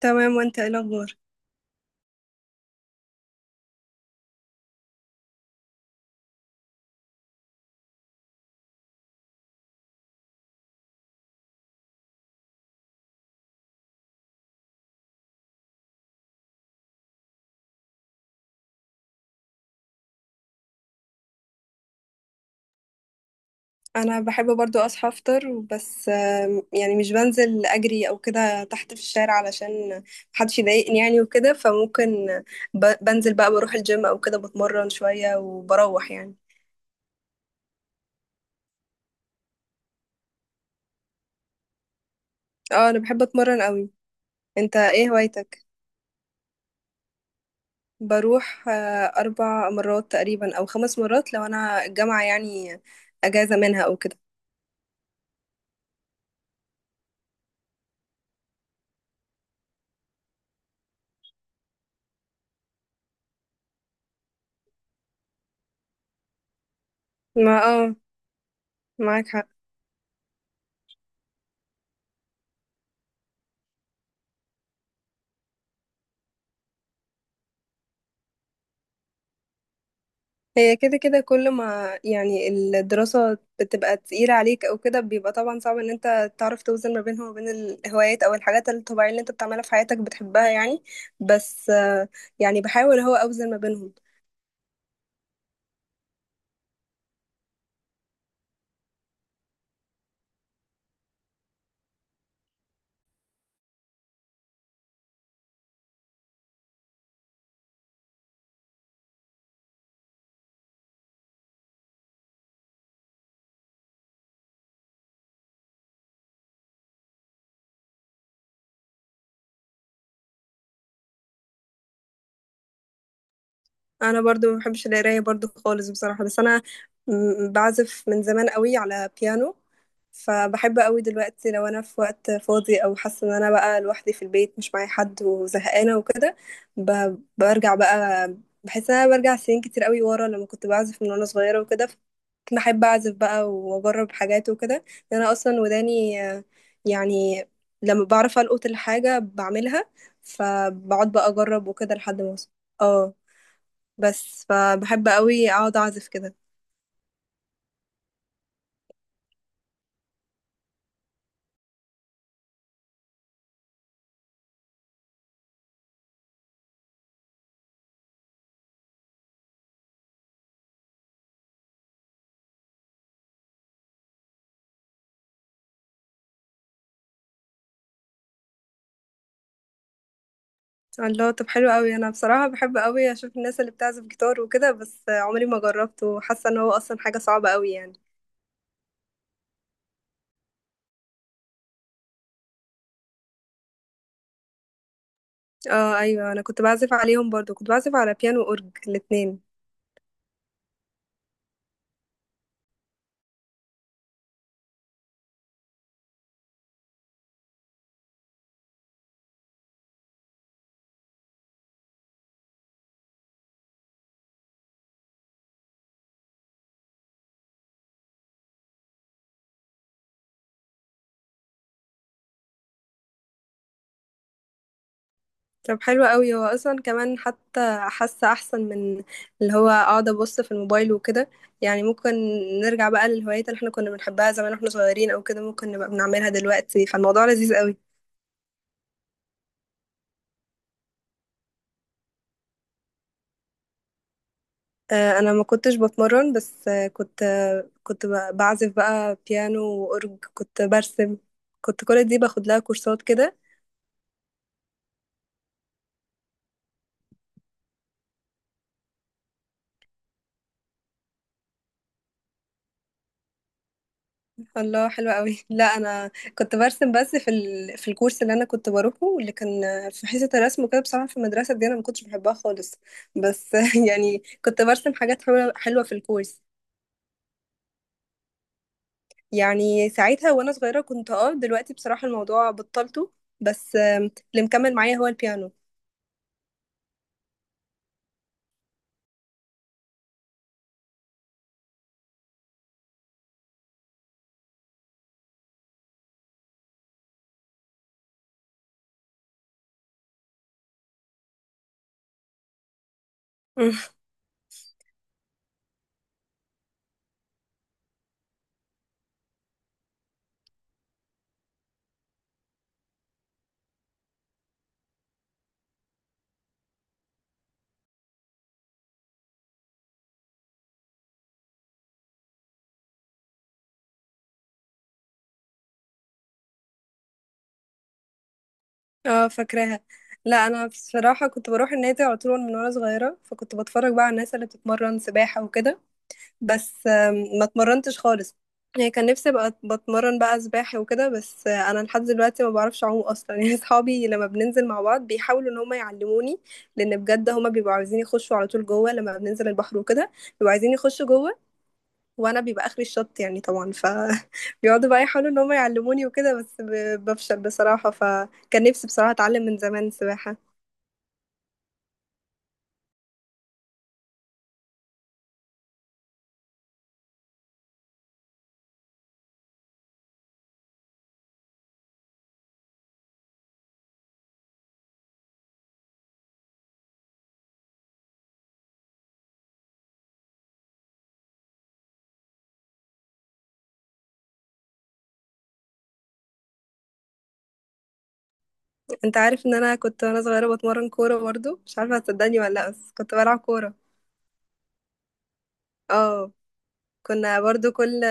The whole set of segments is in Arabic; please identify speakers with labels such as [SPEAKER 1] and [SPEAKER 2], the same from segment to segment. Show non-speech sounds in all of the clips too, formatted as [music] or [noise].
[SPEAKER 1] تمام، وانت ايه الاخبار؟ انا بحب برضو اصحى افطر بس يعني مش بنزل اجري او كده تحت في الشارع علشان محدش يضايقني يعني وكده، فممكن بنزل بقى بروح الجيم او كده بتمرن شوية وبروح يعني. اه، انا بحب اتمرن قوي. انت ايه هوايتك؟ بروح 4 مرات تقريبا او 5 مرات لو انا الجامعة يعني اجازة منها او كده. ما اه معاك حق. هي كده كده كل ما يعني الدراسة بتبقى تقيلة عليك أو كده بيبقى طبعا صعب إن أنت تعرف توزن ما بينها وبين الهوايات أو الحاجات الطبيعية اللي أنت بتعملها في حياتك بتحبها يعني. بس آه، يعني بحاول هو أوزن ما بينهم. انا برضو ما بحبش القرايه برضو خالص بصراحه، بس انا بعزف من زمان قوي على بيانو. فبحب قوي دلوقتي لو انا في وقت فاضي او حاسه ان انا بقى لوحدي في البيت مش معايا حد وزهقانه وكده، برجع بقى. بحس ان انا برجع سنين كتير قوي ورا لما كنت بعزف من وانا صغيره وكده، كنت بحب اعزف بقى واجرب حاجات وكده، لأن انا اصلا وداني يعني لما بعرف القط الحاجه بعملها، فبقعد بقى اجرب وكده لحد ما اوصل. اه، بس فبحب قوي اقعد اعزف كده. الله، طب حلو قوي. انا بصراحة بحب قوي اشوف الناس اللي بتعزف جيتار وكده، بس عمري ما جربت وحاسة ان هو اصلا حاجة صعبة قوي يعني. اه ايوه، انا كنت بعزف عليهم برضو، كنت بعزف على بيانو اورج الاتنين. طب حلو قوي، هو اصلا كمان حتى حاسة احسن من اللي هو اقعد ابص في الموبايل وكده. يعني ممكن نرجع بقى للهوايات اللي احنا كنا بنحبها زمان واحنا صغيرين او كده، ممكن نبقى بنعملها دلوقتي فالموضوع لذيذ قوي. انا ما كنتش بتمرن، بس كنت بعزف بقى بيانو واورج، كنت برسم، كنت كل دي باخد لها كورسات كده. الله حلوة قوي [laughs] لا انا كنت برسم بس في الكورس اللي انا كنت بروحه اللي كان في حصة الرسم وكده. بصراحة في المدرسة دي انا ما كنتش بحبها خالص، بس [laughs] يعني كنت برسم حاجات حلوة حلوة في الكورس. يعني ساعتها وانا صغيرة كنت، دلوقتي بصراحة الموضوع بطلته. بس آه، اللي مكمل معايا هو البيانو. اه، فاكراها. لا انا بصراحه كنت بروح النادي على طول من وانا صغيره، فكنت بتفرج بقى على الناس اللي بتتمرن سباحه وكده. بس آم، ما اتمرنتش خالص، يعني كان نفسي ابقى بتمرن بقى سباحه وكده. بس آه، انا لحد دلوقتي ما بعرفش اعوم اصلا [laughs] يعني اصحابي لما بننزل مع بعض بيحاولوا ان هم يعلموني، لان بجد هم بيبقوا عايزين يخشوا على طول جوه لما بننزل البحر وكده، بيبقوا عايزين يخشوا جوه وانا بيبقى اخري الشط يعني طبعا، ف بيقعدوا [laughs] بقى يحاولوا ان هم يعلموني وكده، بس بفشل بصراحة. فكان نفسي بصراحة اتعلم من زمان سباحة. انت عارف ان انا كنت وانا صغيرة بتمرن كورة برضو؟ مش عارفة هتصدقني ولا لا، بس كنت بلعب كورة. اه. كنا برضو كل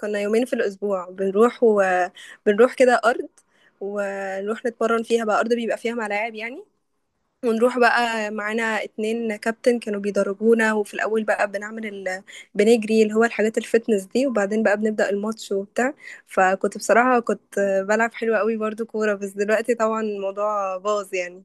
[SPEAKER 1] كنا يومين في الاسبوع بنروح بنروح كده ارض، ونروح نتمرن فيها بقى، ارض بيبقى فيها ملاعب يعني. ونروح بقى معانا اتنين كابتن كانوا بيدربونا، وفي الأول بقى بنعمل بنجري اللي هو الحاجات الفتنس دي، وبعدين بقى بنبدأ الماتش وبتاع. فكنت بصراحة كنت بلعب حلو قوي برضو كورة، بس دلوقتي طبعا الموضوع باظ يعني.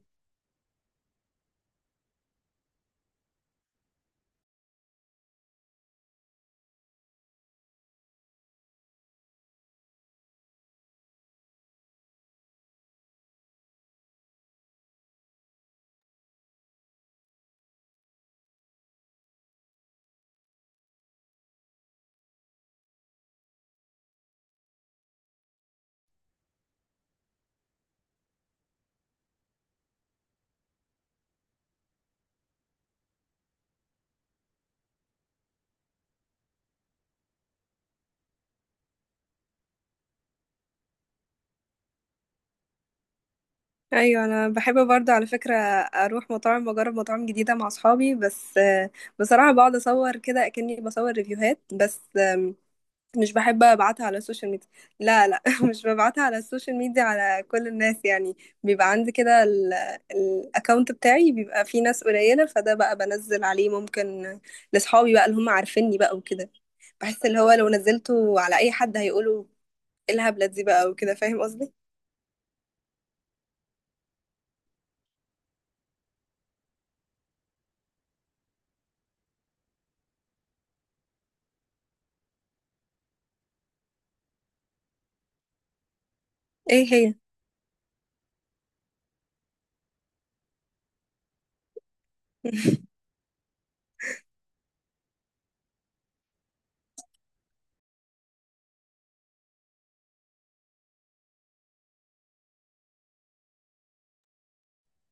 [SPEAKER 1] ايوه انا بحب برضه على فكره اروح مطاعم واجرب مطاعم جديده مع اصحابي، بس آه، بصراحه بقعد اصور كده اكني بصور ريفيوهات، بس مش بحب ابعتها على السوشيال ميديا. لا لا [laughs] مش ببعتها على السوشيال ميديا على كل الناس يعني. بيبقى عندي كده الاكونت بتاعي بيبقى فيه ناس قليلة، فده بقى بنزل عليه ممكن لاصحابي بقى اللي هم عارفيني بقى وكده. بحس اللي هو لو نزلته على اي حد هيقولوا ايه الهبلة دي بقى وكده، فاهم قصدي. ايه هي؟ [laughs]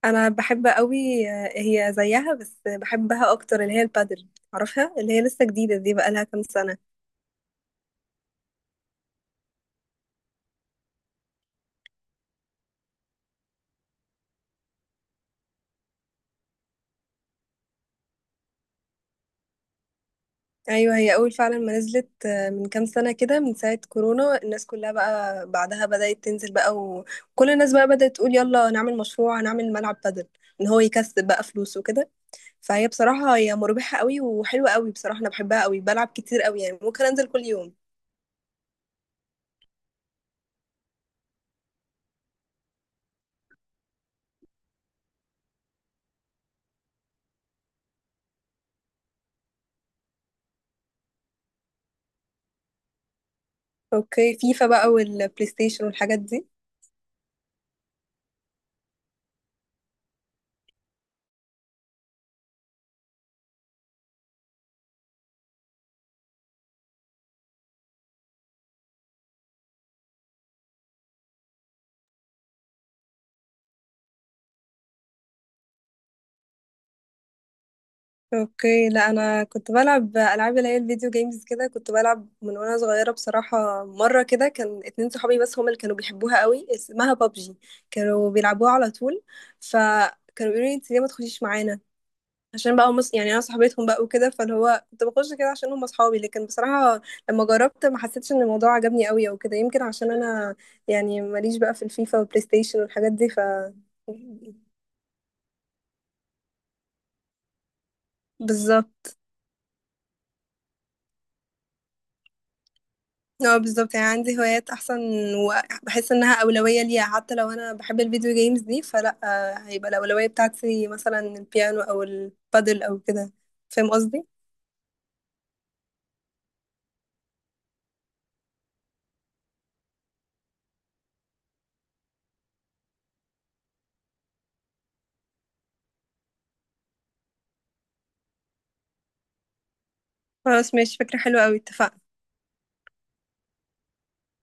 [SPEAKER 1] انا بحب قوي. هي زيها بس بحبها اكتر اللي هي البادل، عارفها اللي هي لسه جديدة دي، بقى لها كام سنة. ايوه، هي اول فعلا ما نزلت من كام سنه كده، من ساعه كورونا الناس كلها بقى بعدها بدات تنزل بقى، وكل الناس بقى بدات تقول يلا نعمل مشروع هنعمل ملعب بدل ان هو يكسب بقى فلوس وكده. فهي بصراحه هي مربحه قوي وحلوه قوي بصراحه، انا بحبها قوي، بلعب كتير قوي يعني، ممكن انزل كل يوم. اوكي، فيفا بقى والبلاي ستيشن والحاجات دي. اوكي. لا انا كنت بلعب العاب اللي هي الفيديو جيمز كده، كنت بلعب من وانا صغيره بصراحه. مره كده كان اتنين صحابي بس هما اللي كانوا بيحبوها قوي، اسمها بابجي، كانوا بيلعبوها على طول. فكانوا بيقولوا لي انت ليه ما تخشيش معانا، عشان بقى يعني انا صاحبتهم بقى وكده، فاللي هو كنت بخش كده عشان هم اصحابي. لكن بصراحه لما جربت ما حسيتش ان الموضوع عجبني قوي او كده، يمكن عشان انا يعني ماليش بقى في الفيفا والبلاي ستيشن والحاجات دي، ف بالظبط. اه بالظبط، يعني عندي هوايات احسن، وبحس انها اولويه ليا، حتى لو انا بحب الفيديو جيمز دي فلا، هيبقى الاولويه بتاعتي مثلا البيانو او البادل او كده، فاهم قصدي. خلاص ماشي، فكره حلوه قوي، اتفقنا.